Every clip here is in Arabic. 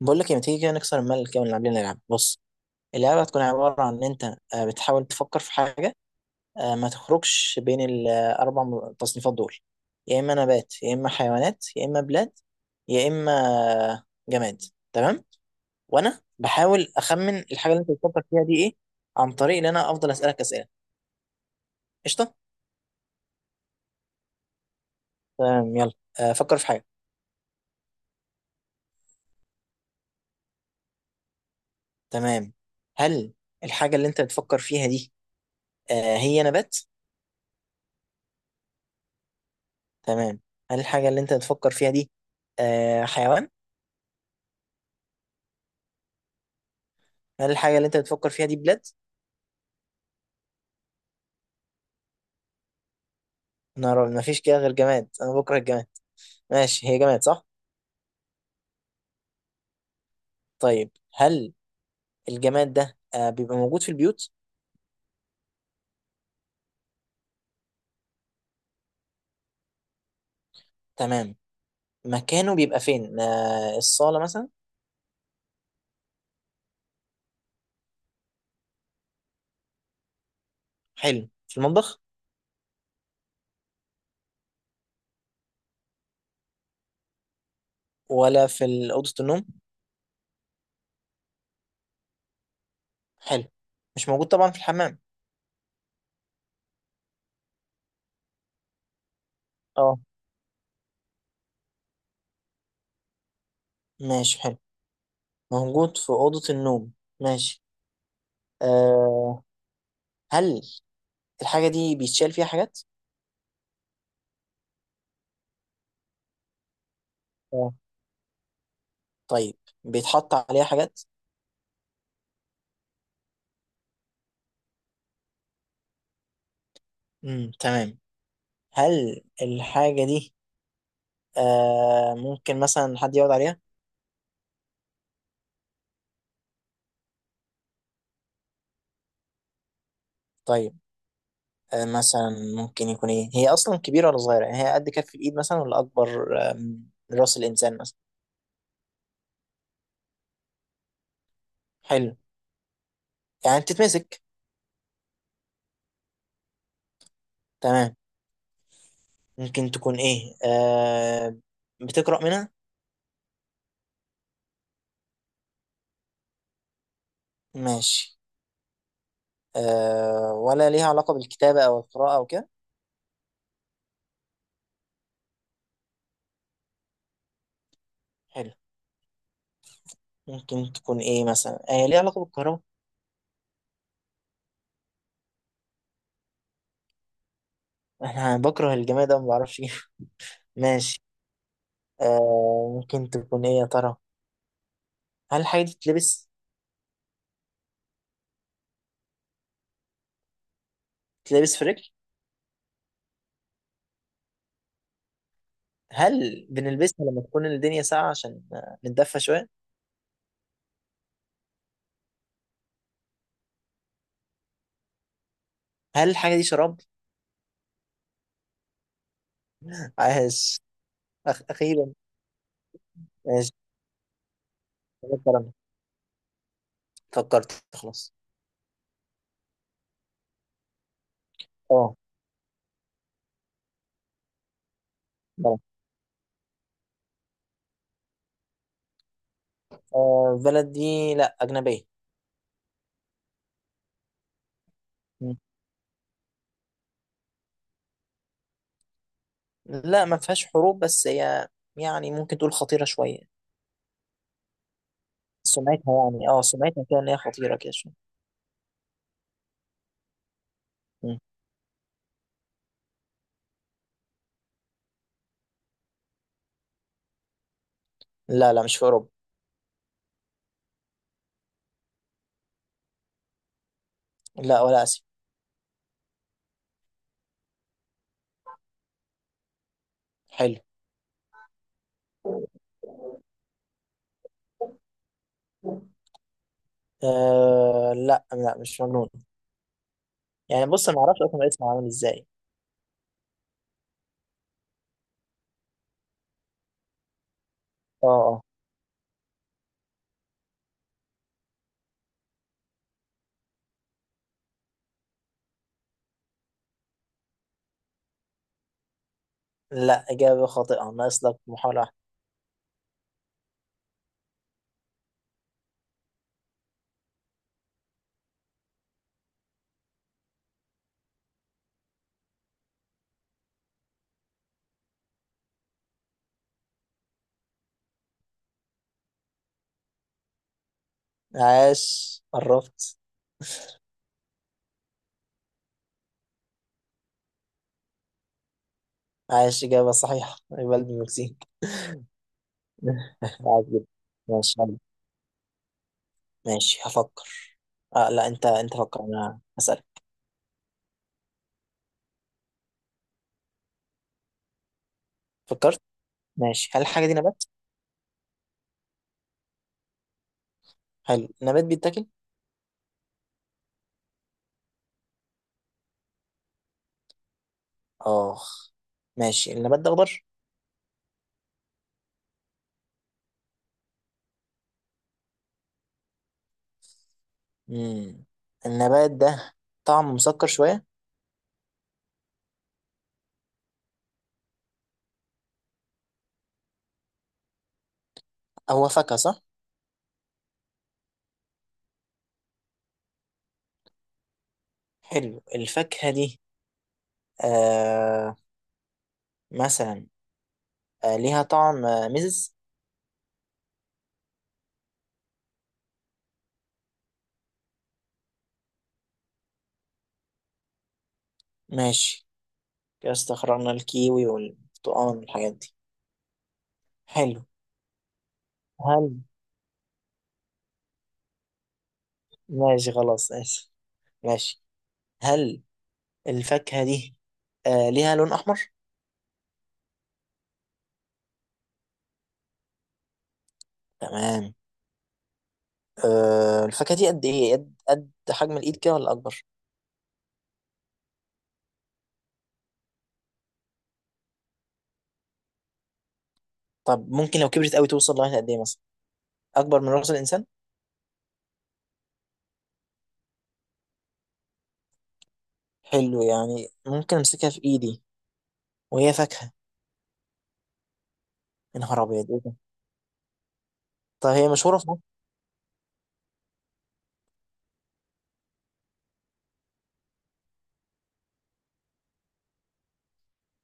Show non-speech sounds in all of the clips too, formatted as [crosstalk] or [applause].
بقول لك إيه، ما تيجي كده نكسر الملل كده ونلعب لنا لعبة. بص، اللعبة هتكون عبارة عن إن أنت بتحاول تفكر في حاجة. ما تخرجش بين الأربع تصنيفات دول: يا إما نبات، يا إما حيوانات، يا إما بلاد، يا إما آه، جماد. تمام. وأنا بحاول أخمن الحاجة اللي أنت بتفكر فيها دي إيه، عن طريق إن أنا أفضل أسألك أسئلة. قشطة. تمام يلا. فكر في حاجة. تمام. هل الحاجة اللي أنت بتفكر فيها دي هي نبات؟ تمام. هل الحاجة اللي أنت بتفكر فيها دي حيوان؟ هل الحاجة اللي أنت بتفكر فيها دي بلاد؟ نار، ما فيش كده غير جماد. أنا بكره الجماد. ماشي، هي جماد صح؟ طيب، هل الجماد ده بيبقى موجود في البيوت؟ تمام. مكانه بيبقى فين؟ الصالة مثلا؟ حلو. في المطبخ؟ ولا في أوضة النوم؟ حلو. مش موجود طبعا في الحمام. اه، ماشي حلو. موجود في أوضة النوم. ماشي. آه هل الحاجة دي بيتشال فيها حاجات؟ طيب، بيتحط عليها حاجات؟ تمام. هل الحاجة دي ممكن مثلا حد يقعد عليها؟ طيب، مثلا ممكن يكون ايه؟ هي اصلا كبيرة ولا صغيرة؟ يعني هي قد كف الايد مثلا ولا اكبر من راس الانسان مثلا؟ حلو. يعني بتتمسك. تمام. ممكن تكون ايه؟ بتقرأ منها؟ ماشي. ولا ليها علاقة بالكتابة او القراءة او كده؟ حلو. ممكن تكون ايه مثلا؟ ليها علاقة بالكهرباء؟ [laughs] انا بكره الجماد ده، ما بعرفش [laughs] ايه. ماشي. ممكن تكون ايه يا ترى؟ هل الحاجة دي تلبس؟ تلبس في رجل؟ هل بنلبسها لما تكون الدنيا ساقعة عشان نتدفى شوية؟ هل الحاجة دي شراب؟ عاش. أخيرا. ماشي، شكراً. فكرت خلاص. اه، بلد. بلد دي لا أجنبية. م. لا، ما فيهاش حروب، بس هي يعني ممكن تقول خطيرة شوية. سمعتها يعني سمعتها كده إن هي خطيرة كده شوية. م. لا لا، مش في أوروبا. لا، ولا آسيا. حلو. لا لا، مش في أوروبا. يعني بص، انا ما اعرفش اصلا اسمه عامل ازاي. اه اه. لا، اجابه خاطئه، ناقص لك محاوله واحده. عاش، قربت. عاش، اجابه صحيحه، بلد المكسيك. [laughs] عاش جدا. ماشي يلا. ماشي، هفكر. لا، انت فكر، انا هسألك. فكرت. ماشي، هل الحاجه دي نبات؟ هل النبات بيتاكل؟ اه، ماشي. النبات ده اخضر؟ امم النبات ده طعمه مسكر شويه؟ هو فاكهه صح؟ حلو. الفاكهه دي آه مثلا ليها طعم مزز؟ ماشي. كده استخرجنا الكيوي والبرتقال والحاجات دي. حلو. هل ماشي خلاص، آسف. ماشي. هل الفاكهة دي ليها لون أحمر؟ تمام. الفاكهة دي قد إيه؟ قد حجم الإيد كده ولا أكبر؟ طب ممكن لو كبرت قوي توصل لغاية قد إيه مثلا؟ أكبر من رأس الإنسان؟ حلو، يعني ممكن أمسكها في إيدي، وهي فاكهة. يا نهار أبيض، إيه ده؟ طب هي مشهورة في مصر؟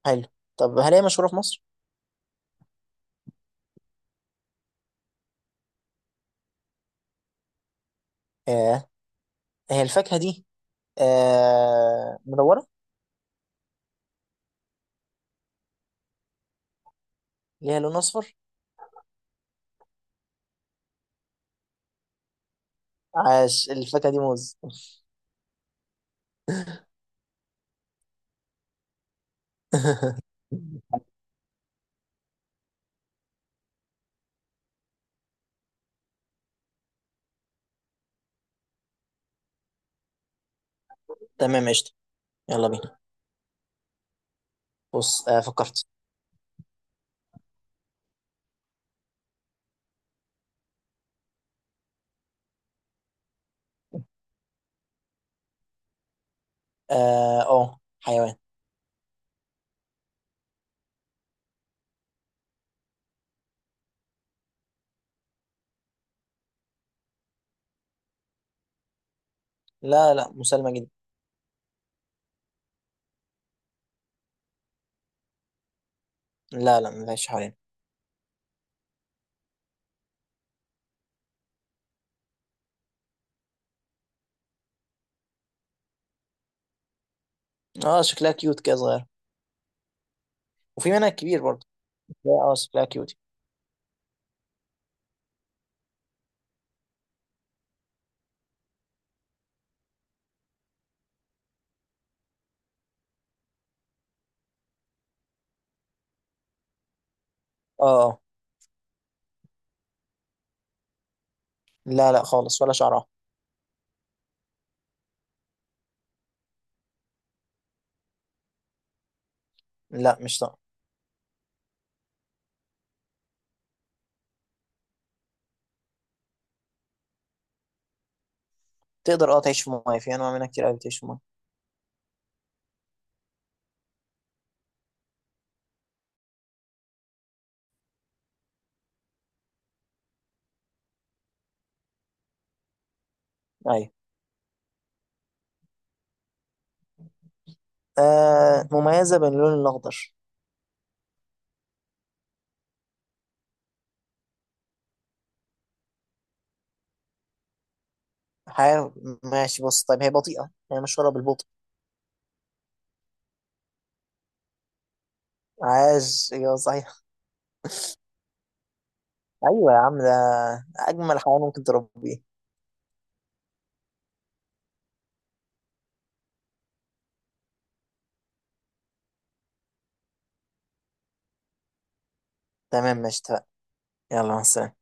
حلو. طب هل هي مشهورة في مصر؟ آه هي الفاكهة دي مدورة؟ ليها لون أصفر؟ عاش، الفاكهة دي موز. [laughs] تمام قشطة. يلا بينا. بص، فكرت. اه، أوه، حيوان. لا لا، مسالمة جدا. لا لا، ما فيهاش حوالينا. اه، شكلها كيوت كده، صغير. وفي منها كبير برضه. لا، اه، شكلها كيوت. اه اه. لا لا خالص، ولا شعرها. لا، مش طاقة. تقدر تعيش في المايه، في انواع منها كتير قوي بتعيش في المايه. ايوه. مميزة باللون الاخضر. حيوان. ماشي بص، طيب هي بطيئة، هي مشهورة بالبطء. عاش، ايوه صحيح. ايوه يا عم، ده اجمل حيوان ممكن تربيه. تمام ماشي، اتفقنا. يلا مع السلامة.